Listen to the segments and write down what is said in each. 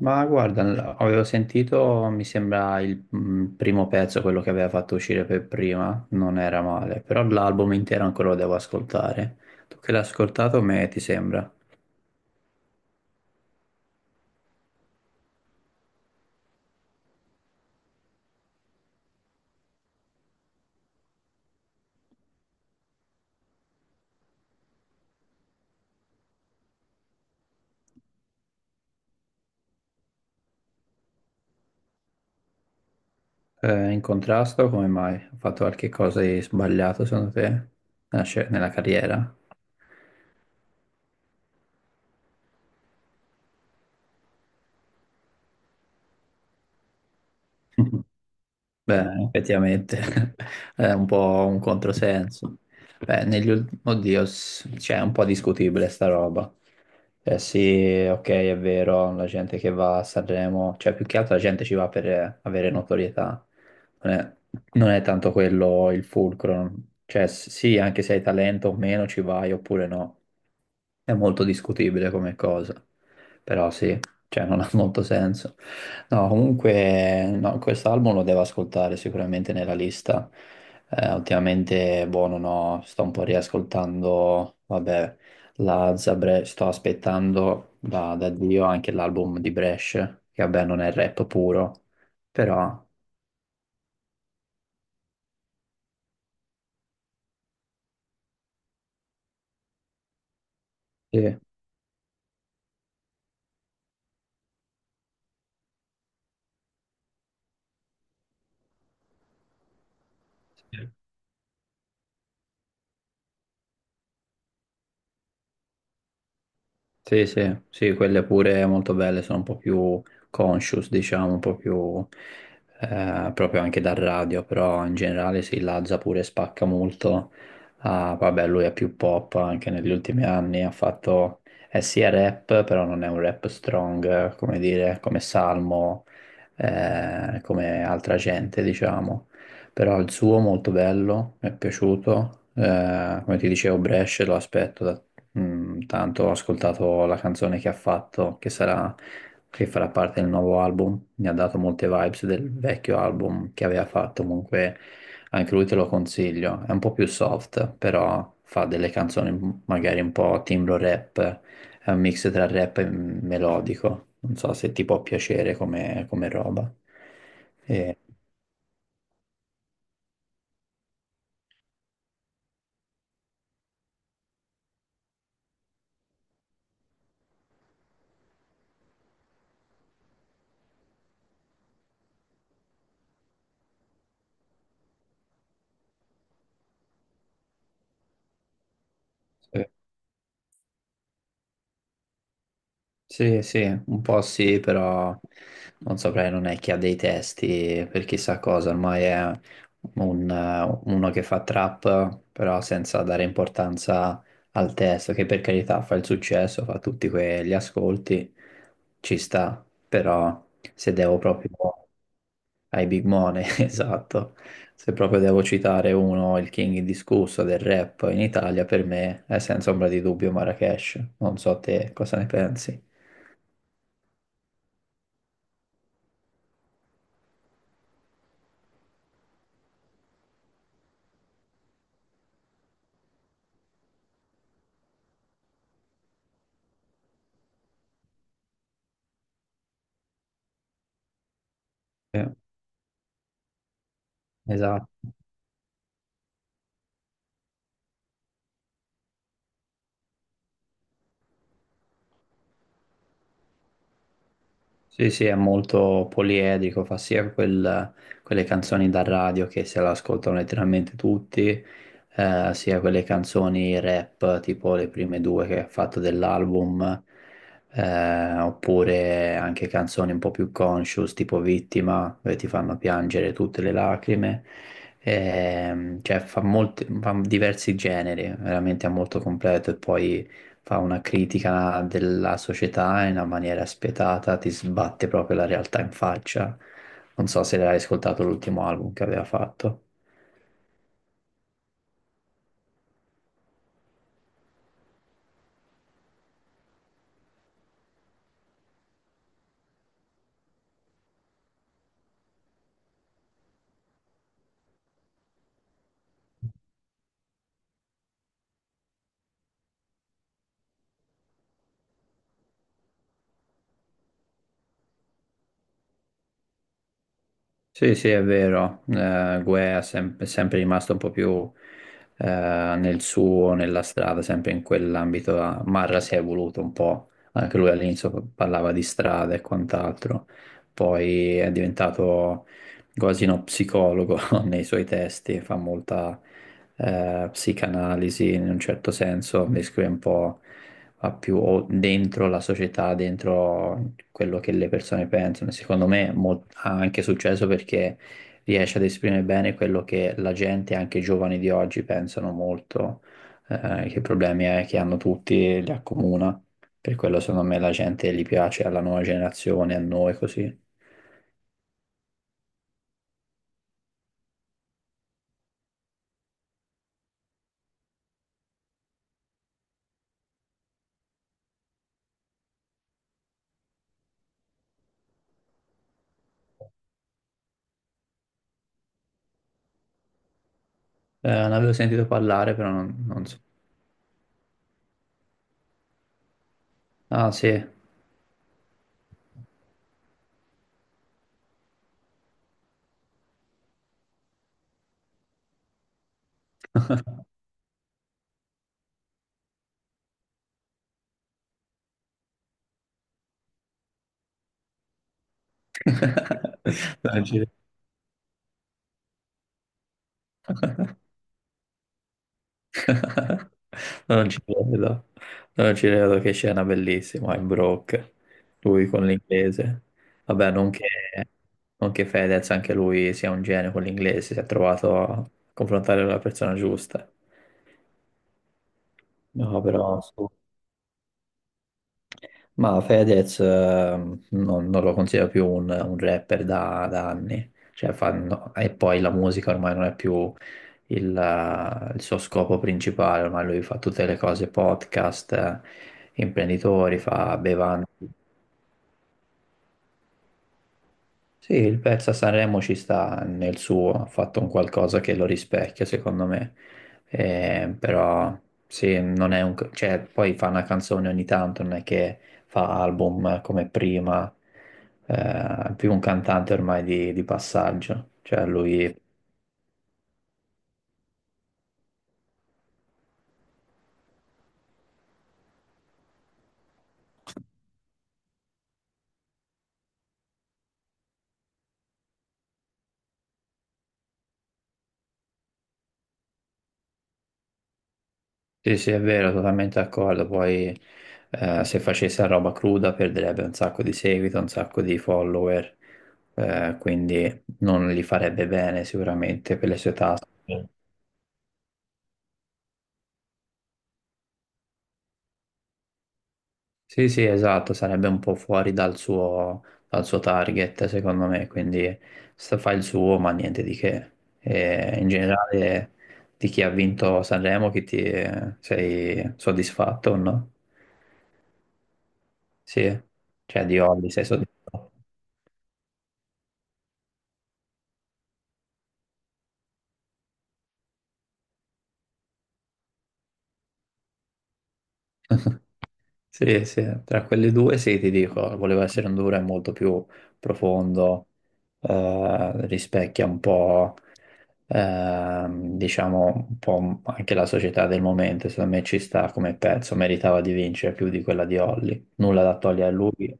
Ma guarda, avevo sentito, mi sembra il primo pezzo, quello che aveva fatto uscire per prima, non era male, però l'album intero ancora lo devo ascoltare. Tu che l'hai ascoltato, me ti sembra? In contrasto, come mai? Ho fatto qualche cosa di sbagliato secondo te? Nella carriera? Beh, effettivamente è un po' un controsenso. Beh, Oddio, cioè, è un po' discutibile sta roba. Sì, ok, è vero, la gente che va a Sanremo, cioè più che altro la gente ci va per avere notorietà. Non è, non è tanto quello il fulcro. Cioè, sì, anche se hai talento o meno ci vai oppure no. È molto discutibile come cosa, però sì, cioè non ha molto senso. No, comunque no, quest'album lo devo ascoltare sicuramente nella lista. Ultimamente, boh, non ho- sto un po' riascoltando, vabbè, la Zabre, sto aspettando da Dio anche l'album di Brescia, che vabbè non è rap puro, però sì. Sì. Sì, sì, sì, quelle pure molto belle, sono un po' più conscious, diciamo, un po' più proprio anche dal radio, però in generale sì, Lazza pure spacca molto. Ah, vabbè, lui è più pop anche negli ultimi anni, ha fatto, è sia rap, però non è un rap strong, come dire, come Salmo, come altra gente, diciamo. Però il suo molto bello, mi è piaciuto. Come ti dicevo, Brescia lo aspetto da mm, tanto ho ascoltato la canzone che ha fatto, che sarà, che farà parte del nuovo album, mi ha dato molte vibes del vecchio album che aveva fatto, comunque anche lui te lo consiglio, è un po' più soft, però fa delle canzoni magari un po' timbro rap, è un mix tra rap e melodico, non so se ti può piacere come, come roba. E- sì. Sì, sì, un po' sì, però non saprei, non è che ha dei testi per chissà cosa, ormai è un, uno che fa trap, però senza dare importanza al testo, che per carità fa il successo, fa tutti quegli ascolti, ci sta, però se devo proprio ai big money, esatto, se proprio devo citare uno, il king indiscusso del rap in Italia, per me è senza ombra di dubbio Marrakesh, non so te cosa ne pensi. Esatto. Sì, sì, è molto poliedrico, fa sia quelle canzoni da radio che se le ascoltano letteralmente tutti, sia quelle canzoni rap, tipo le prime due che ha fatto dell'album, oppure anche canzoni un po' più conscious, tipo Vittima, dove ti fanno piangere tutte le lacrime. Cioè fa diversi generi, veramente è molto completo e poi fa una critica della società in una maniera spietata, ti sbatte proprio la realtà in faccia. Non so se l'hai ascoltato l'ultimo album che aveva fatto. Sì, sì, è vero. Guè è è sempre rimasto un po' più eh, nel suo, nella strada, sempre in quell'ambito là. Marra si è evoluto un po', anche lui all'inizio parlava di strada e quant'altro, poi è diventato quasi uno psicologo nei suoi testi, fa molta psicanalisi in un certo senso, descrive un po' ha più o dentro la società, dentro quello che le persone pensano. E secondo me ha anche successo perché riesce ad esprimere bene quello che la gente, anche i giovani di oggi, pensano molto, che problemi è che hanno tutti, li accomuna. Per quello secondo me la gente gli piace, alla nuova generazione, a noi così. Ne avevo sentito parlare, però non so. Ah, sì. Non ci- Non ci credo. No, non ci credo, che scena bellissima in Brock, lui con l'inglese. Vabbè, non che, non che Fedez, anche lui sia un genio con l'inglese, si è trovato a confrontare la persona giusta. No, però... Ma Fedez non lo considero più un rapper da, da anni. Cioè, no, e poi la musica ormai non è più il suo scopo principale, ormai lui fa tutte le cose, podcast, imprenditori, fa bevande. Sì, il pezzo a Sanremo ci sta nel suo, ha fatto un qualcosa che lo rispecchia, secondo me. Però sì, non è un... cioè, poi fa una canzone ogni tanto, non è che fa album come prima, eh, è più un cantante ormai di passaggio. Cioè, lui sì, sì, è vero, totalmente d'accordo. Poi se facesse la roba cruda perderebbe un sacco di seguito, un sacco di follower, quindi non li farebbe bene sicuramente per le sue tasse. Sì, sì, esatto, sarebbe un po' fuori dal suo target, secondo me, quindi fa il suo, ma niente di che. E in generale, di chi ha vinto Sanremo, chi ti sei soddisfatto o no? Sì, cioè di Olli sei soddisfatto. Sì, sì, tra quelle due sì, ti dico, voleva essere un Dura molto più profondo, rispecchia un po', diciamo, un po' anche la società del momento, secondo me ci sta come pezzo, meritava di vincere più di quella di Holly, nulla da togliere a lui.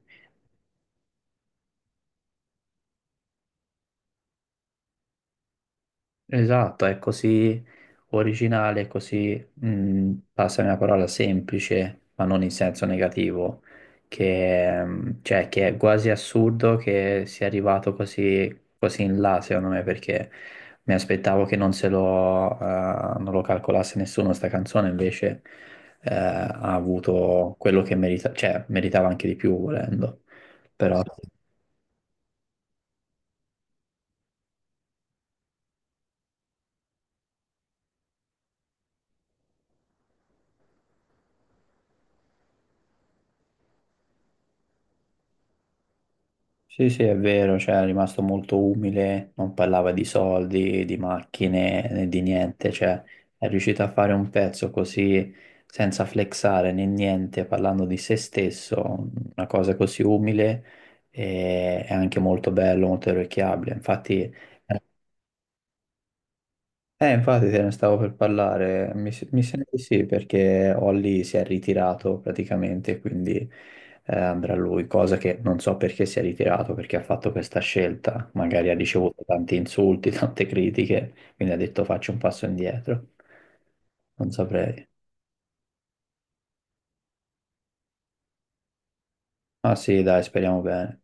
Esatto, è così originale, è così, mm, passami una parola semplice, ma non in senso negativo, che, mm, cioè, che è quasi assurdo che sia arrivato così, così in là, secondo me, perché mi aspettavo che non se lo, non lo calcolasse nessuno sta canzone, invece, ha avuto quello che merita, cioè, meritava anche di più volendo, però sì, sì, è vero, cioè è rimasto molto umile, non parlava di soldi, di macchine, né di niente, cioè è riuscito a fare un pezzo così senza flexare né niente, parlando di se stesso, una cosa così umile e è anche molto bello, molto orecchiabile. Infatti è infatti te ne stavo per parlare, mi, mi sembra di sì, perché Holly si è ritirato praticamente, quindi andrà lui, cosa che non so perché si è ritirato, perché ha fatto questa scelta, magari ha ricevuto tanti insulti, tante critiche, quindi ha detto faccio un passo indietro, non saprei. Ma sì, dai, speriamo bene.